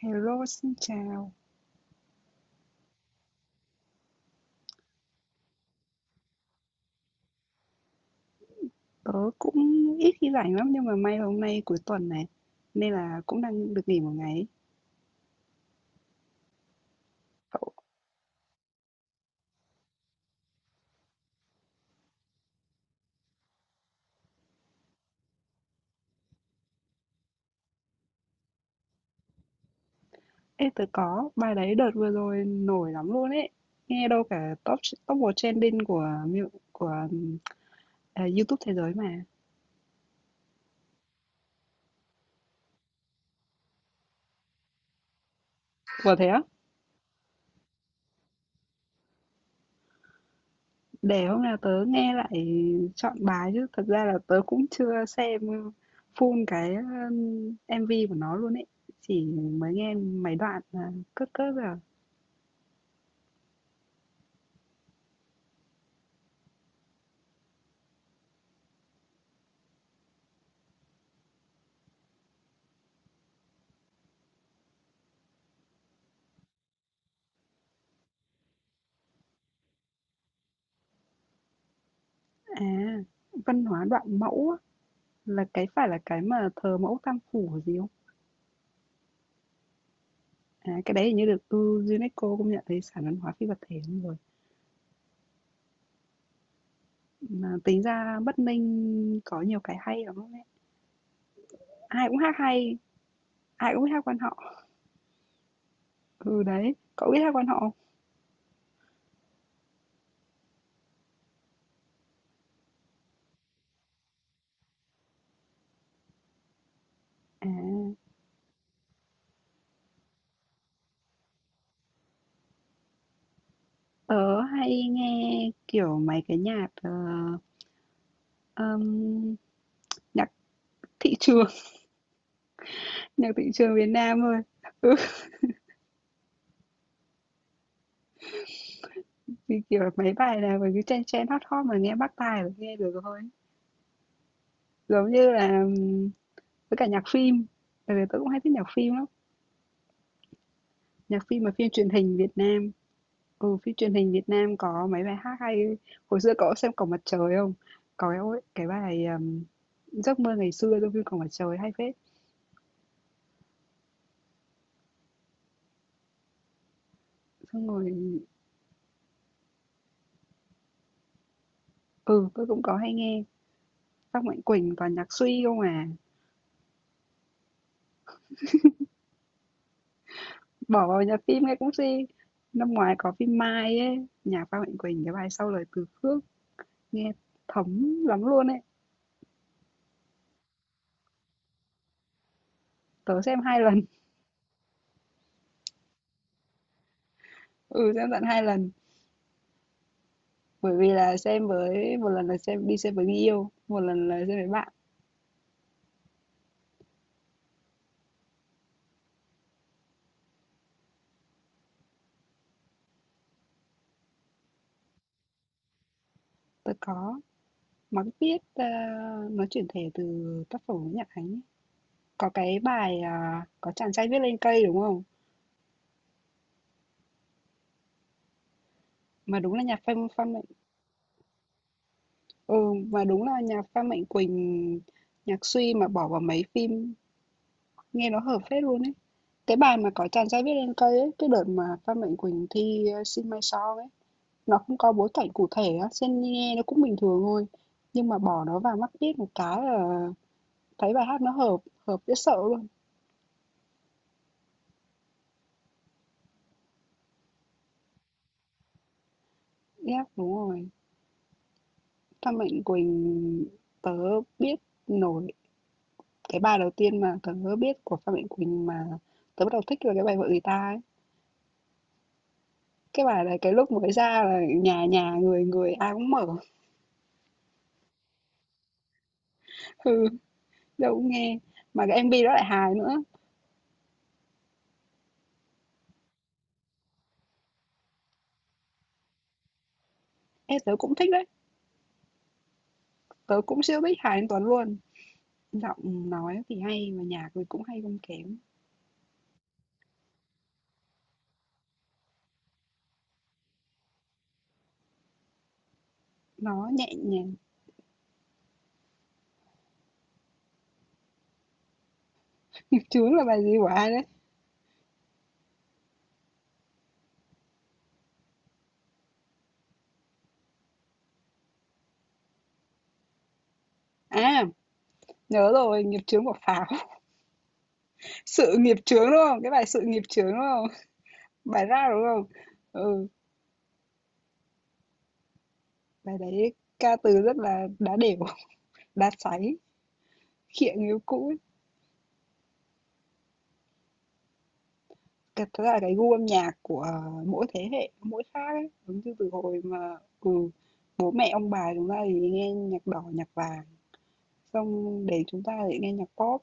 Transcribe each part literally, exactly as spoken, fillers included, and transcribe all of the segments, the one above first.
Hello, xin chào. Tớ cũng ít khi rảnh lắm nhưng mà may là hôm nay cuối tuần này nên là cũng đang được nghỉ một ngày. Ê, tớ có bài đấy đợt vừa rồi nổi lắm luôn ấy. Nghe đâu cả top top một trending của mu- của à, YouTube thế giới mà. Ủa thế á? Để hôm nào tớ nghe lại chọn bài chứ thật ra là tớ cũng chưa xem full cái um, em vê của nó luôn ấy. Chỉ mới nghe mấy đoạn à, cất cất rồi. À, À, văn hóa đoạn mẫu á. Là cái phải là cái mà thờ mẫu Tam Phủ hay gì không? À, cái đấy hình như được ừ, UNESCO công nhận thấy sản văn hóa phi vật thể luôn rồi. Mà tính ra Bắc Ninh có nhiều cái hay lắm đấy. Ai cũng hát hay, ai cũng biết hát quan họ. Ừ đấy, cậu biết hát quan họ không? À, tớ hay nghe kiểu mấy cái nhạc ờ, ừm, nhạc thị trường, nhạc thị trường Việt Nam thôi. Ừ, thì kiểu mấy bài nào mà cứ chen chen hot hot mà nghe bắt tai là nghe được thôi. Giống như là ừm, với cả nhạc phim, bởi vì tớ cũng hay thích nhạc phim lắm, nhạc phim mà phim truyền hình Việt Nam. Ừ, phim truyền hình Việt Nam có mấy bài hát hay. Hồi xưa cậu có xem Cổng Mặt Trời không? Có cái cái bài ừm, Giấc mơ ngày xưa trong phim Cổng Mặt Trời hay phết. Xong rồi, ừ, tôi cũng có hay nghe. Các Mạnh Quỳnh toàn nhạc suy không à. Bỏ vào nhạc phim nghe cũng suy. Năm ngoái có phim Mai ấy, nhạc Phan Mạnh Quỳnh cái bài sau lời từ khước nghe thấm lắm luôn ấy. Tớ xem hai lần. Ừ, xem tận hai lần. Bởi vì là xem với một lần là xem đi xem với người yêu, một lần là xem với bạn. Tôi có mà biết, a, nó chuyển thể từ tác phẩm của Nhật Ánh ấy. Có cái bài, à, có chàng trai viết lên cây, đúng không? Mà đúng là nhạc Phan Phan Mạnh ừ, mà đúng là nhạc Phan Mạnh Quỳnh, nhạc Suy mà bỏ vào mấy phim nghe nó hợp phết luôn ấy. Cái bài mà có chàng trai viết lên cây ấy, cái đợt mà Phan Mạnh Quỳnh thi, ơ, Xin Mai Sau ấy, nó không có bối cảnh cụ thể á, sen nghe nó cũng bình thường thôi, nhưng mà bỏ nó vào mắt biết một cái là thấy bài hát nó hợp, hợp dễ sợ luôn. Yep, đúng rồi. Phan Mạnh Quỳnh tớ biết nổi cái bài đầu tiên mà tớ biết của Phan Mạnh Quỳnh mà tớ bắt đầu thích là cái bài Vợ người ta ấy. Cái bài này cái lúc mới ra là nhà nhà người người ai cũng mở, ừ, đâu cũng nghe. Mà cái em MV đó lại hài nữa. Ê, tớ cũng thích đấy. Tớ cũng siêu thích Hà Anh Tuấn luôn. Giọng nói thì hay mà nhạc thì cũng hay không kém. Nó nhẹ nhàng. Nghiệp chướng là bài gì của ai đấy? À, nhớ rồi, nghiệp chướng của Pháo. Sự nghiệp chướng, đúng không? Cái bài "Sự nghiệp chướng" đúng không? Bài ra đúng không? Ừ, bài đấy ca từ rất là đá đều đá sáy, khịa người cũ ấy. Thật ra là cái gu âm nhạc của mỗi thế hệ, mỗi khác ấy, giống như từ hồi mà ừ, bố mẹ ông bà chúng ta thì nghe nhạc đỏ, nhạc vàng, xong đến chúng ta thì nghe nhạc pop.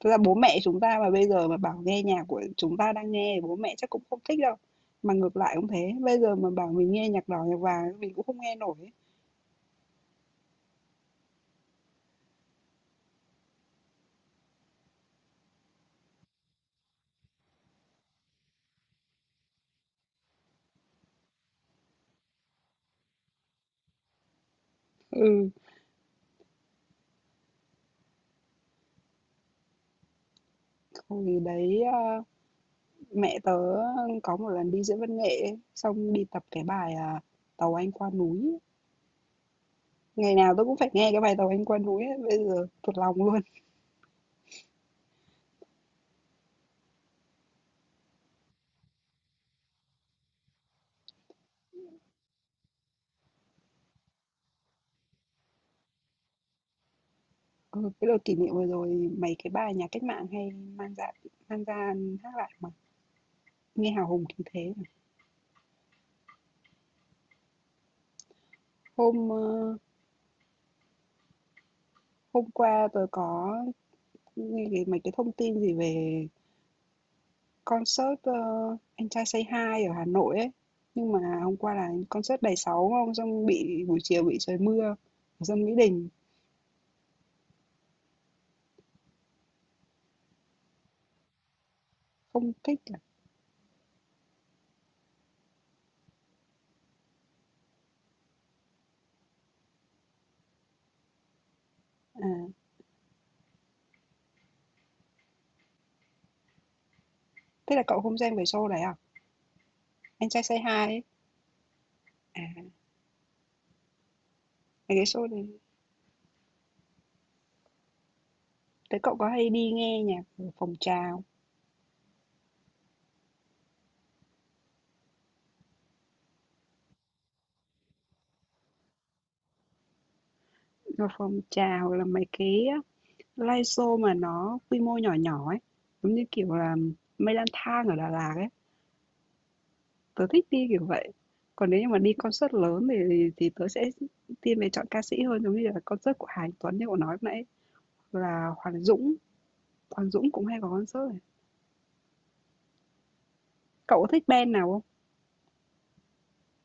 Thật ra bố mẹ chúng ta mà bây giờ mà bảo nghe nhạc của chúng ta đang nghe bố mẹ chắc cũng không thích đâu. Mà ngược lại cũng thế, bây giờ mà bảo mình nghe nhạc đỏ, nhạc vàng mình cũng không nghe nổi ấy. Ừ, hồi đấy, a, mẹ tớ ờ, có một lần đi diễn văn nghệ ấy, xong đi tập cái bài, à, "Tàu Anh Qua Núi", ấy. Ngày nào tôi cũng phải nghe cái bài "Tàu Anh Qua Núi" ấy, bây giờ thuộc lòng luôn. Ừ, cái đợt kỷ niệm vừa rồi mấy cái bài nhà cách mạng hay mang ra mang ra hát lại mà, nghe hào hùng khí thế mà. Hôm, ơ, hôm qua tớ có nghe cái mấy cái thông tin gì về Concert, ơ, Anh Trai Say Hi ở Hà Nội ấy, nhưng mà hôm qua là concert Đầy Sóng không? Xong bị buổi chiều bị trời mưa, xong Mỹ Đình không thích à? À, thế là cậu không xem cái show đấy à? Anh Trai Say Hi ấy. À, cái show đấy thế cậu có hay đi nghe nhạc ở phòng trà? Ở phòng trà hoặc là mấy cái live show mà nó quy mô nhỏ nhỏ ấy, giống như kiểu là mây lang thang ở Đà Lạt ấy. Tớ thích đi kiểu vậy. Còn nếu như mà đi concert lớn thì thì tớ sẽ thiên về chọn ca sĩ hơn, giống như là concert của Hà Anh Tuấn như cậu nói lúc nãy, là Hoàng Dũng, Hoàng Dũng cũng hay có concert này. Cậu có thích band nào không?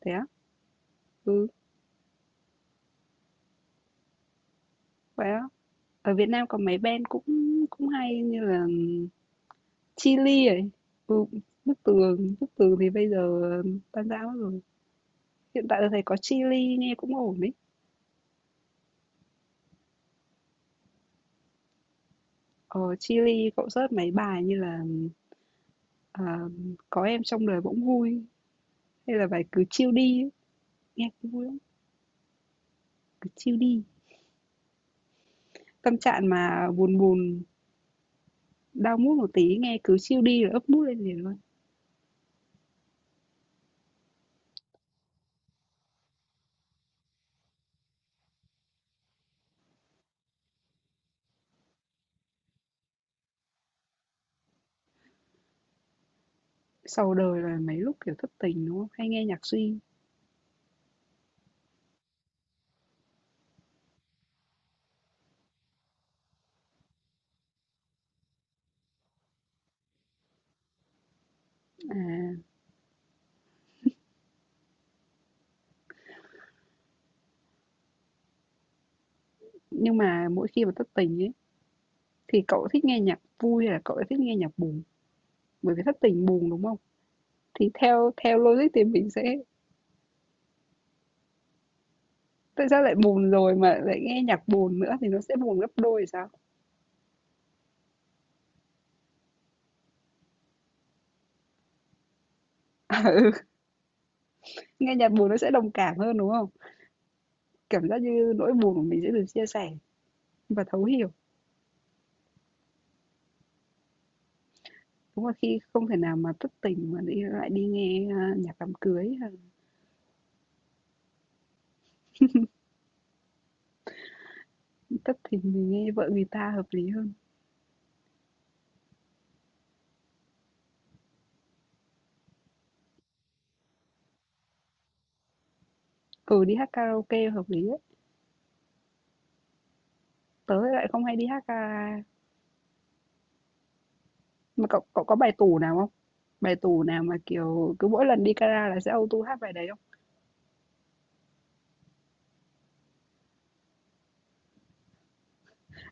Thế á? Ừ, vậy á. Ở Việt Nam có mấy band cũng cũng hay như là Chillies ấy. Ừ, Bức Tường, Bức Tường thì bây giờ tan rã mất rồi. Hiện tại tôi thấy có Chillies nghe cũng ổn ấy. Ờ, Chillies cậu search mấy bài như là à, có em trong đời bỗng vui hay là bài cứ chill đi ấy. Nghe cũng vui lắm, cứ chill đi. Tâm trạng mà buồn buồn, đau mood một tí nghe cứ chill đi là ấp mood lên liền luôn. Sau đời là mấy lúc kiểu thất tình đúng không? Hay nghe nhạc suy. À, nhưng mà mỗi khi mà thất tình ấy thì cậu thích nghe nhạc vui hay là cậu thích nghe nhạc buồn? Bởi vì thất tình buồn đúng không? Thì theo theo logic thì mình sẽ tại sao lại buồn rồi mà lại nghe nhạc buồn nữa thì nó sẽ buồn gấp đôi thì sao? Ừ, nghe nhạc buồn nó sẽ đồng cảm hơn đúng không? Cảm giác như nỗi buồn của mình sẽ được chia sẻ và thấu hiểu. Đúng là khi không thể nào mà thất tình mà đi lại đi nghe, a, nhạc đám cưới hay thất tình mình nghe vợ người ta hợp lý hơn. Ừ, đi hát karaoke hợp lý ấy. Tớ lại không hay đi hát karaoke. Mà cậu cậu có bài tủ nào không? Bài tủ nào mà, kiểu, cứ mỗi lần đi kara là sẽ auto hát bài đấy không?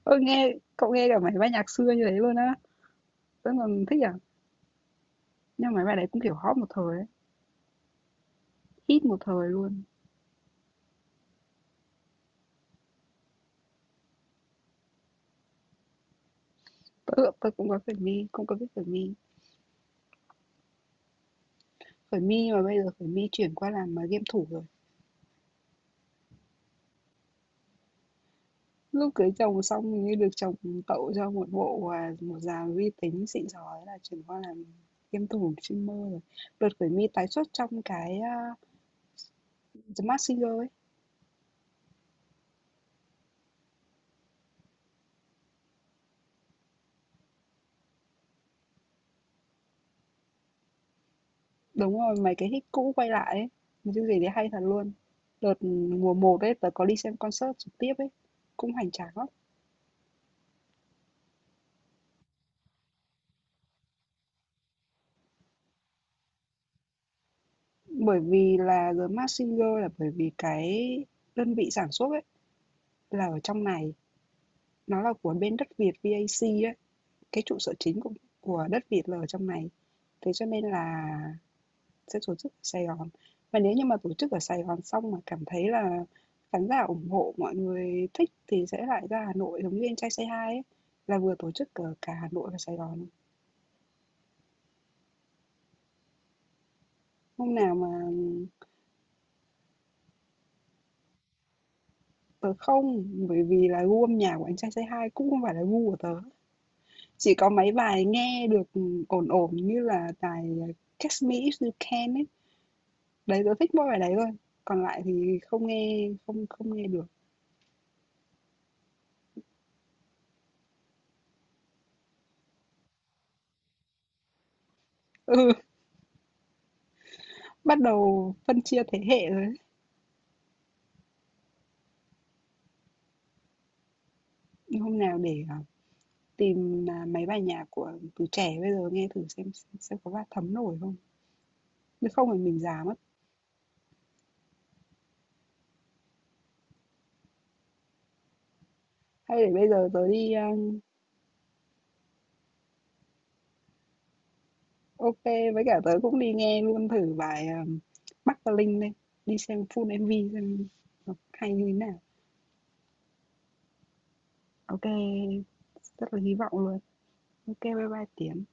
Ơ, nghe cậu nghe cả mấy bài nhạc xưa như thế luôn á. Tớ còn thích à. Nhưng mà mấy bài đấy cũng, kiểu, hot một thời ấy, hit một thời luôn. Tớ tớ cũng có Khởi mi, cũng có biết Khởi My. Khởi My mà bây giờ Khởi mi chuyển qua làm, mà game thủ rồi. Lúc cưới chồng xong hình như được chồng tậu cho một bộ, và một dàn vi tính xịn sò thế là chuyển qua làm game thủ streamer rồi. Đợt khởi mi tái xuất trong cái, a, The Mask Singer ấy. Đúng rồi, mấy cái hit cũ quay lại ấy, một chương trình đấy hay thật luôn. Đợt mùa một ấy, tớ có đi xem concert trực tiếp ấy, cũng hoành tráng lắm. Bởi vì là The Mask Singer là bởi vì cái đơn vị sản xuất ấy là ở trong này, nó là của bên đất Việt vắc ấy. Cái trụ sở chính của của đất Việt là ở trong này, thế cho nên là sẽ tổ chức ở Sài Gòn. Và nếu như mà tổ chức ở Sài Gòn xong mà cảm thấy là khán giả ủng hộ, mọi người thích thì sẽ lại ra Hà Nội giống như Anh Trai Say Hi ấy, là vừa tổ chức ở cả Hà Nội và Sài Gòn. Hôm nào mà tớ không, bởi vì là gu âm nhạc của Anh Trai Say Hi cũng không phải là gu của tớ. Chỉ có mấy bài nghe được ổn ổn như là bài Catch Me If You Can ấy. Đấy, tớ thích mỗi bài đấy thôi, còn lại thì không nghe không không nghe được. Ừ, bắt đầu phân chia thế hệ rồi đấy. Hôm nào để à, tìm à, mấy bài nhạc của từ trẻ bây giờ nghe thử xem xem xem có bắt thấm nổi không. Nếu không thì mình già mất. Hay để bây giờ tớ đi à, ok với cả tớ cũng đi nghe luôn thử bài à, Bắc và Linh đây, đi xem full em vê xem nó hay như thế nào. Ok, rất là hy vọng luôn. Ok, bye bye Tiến.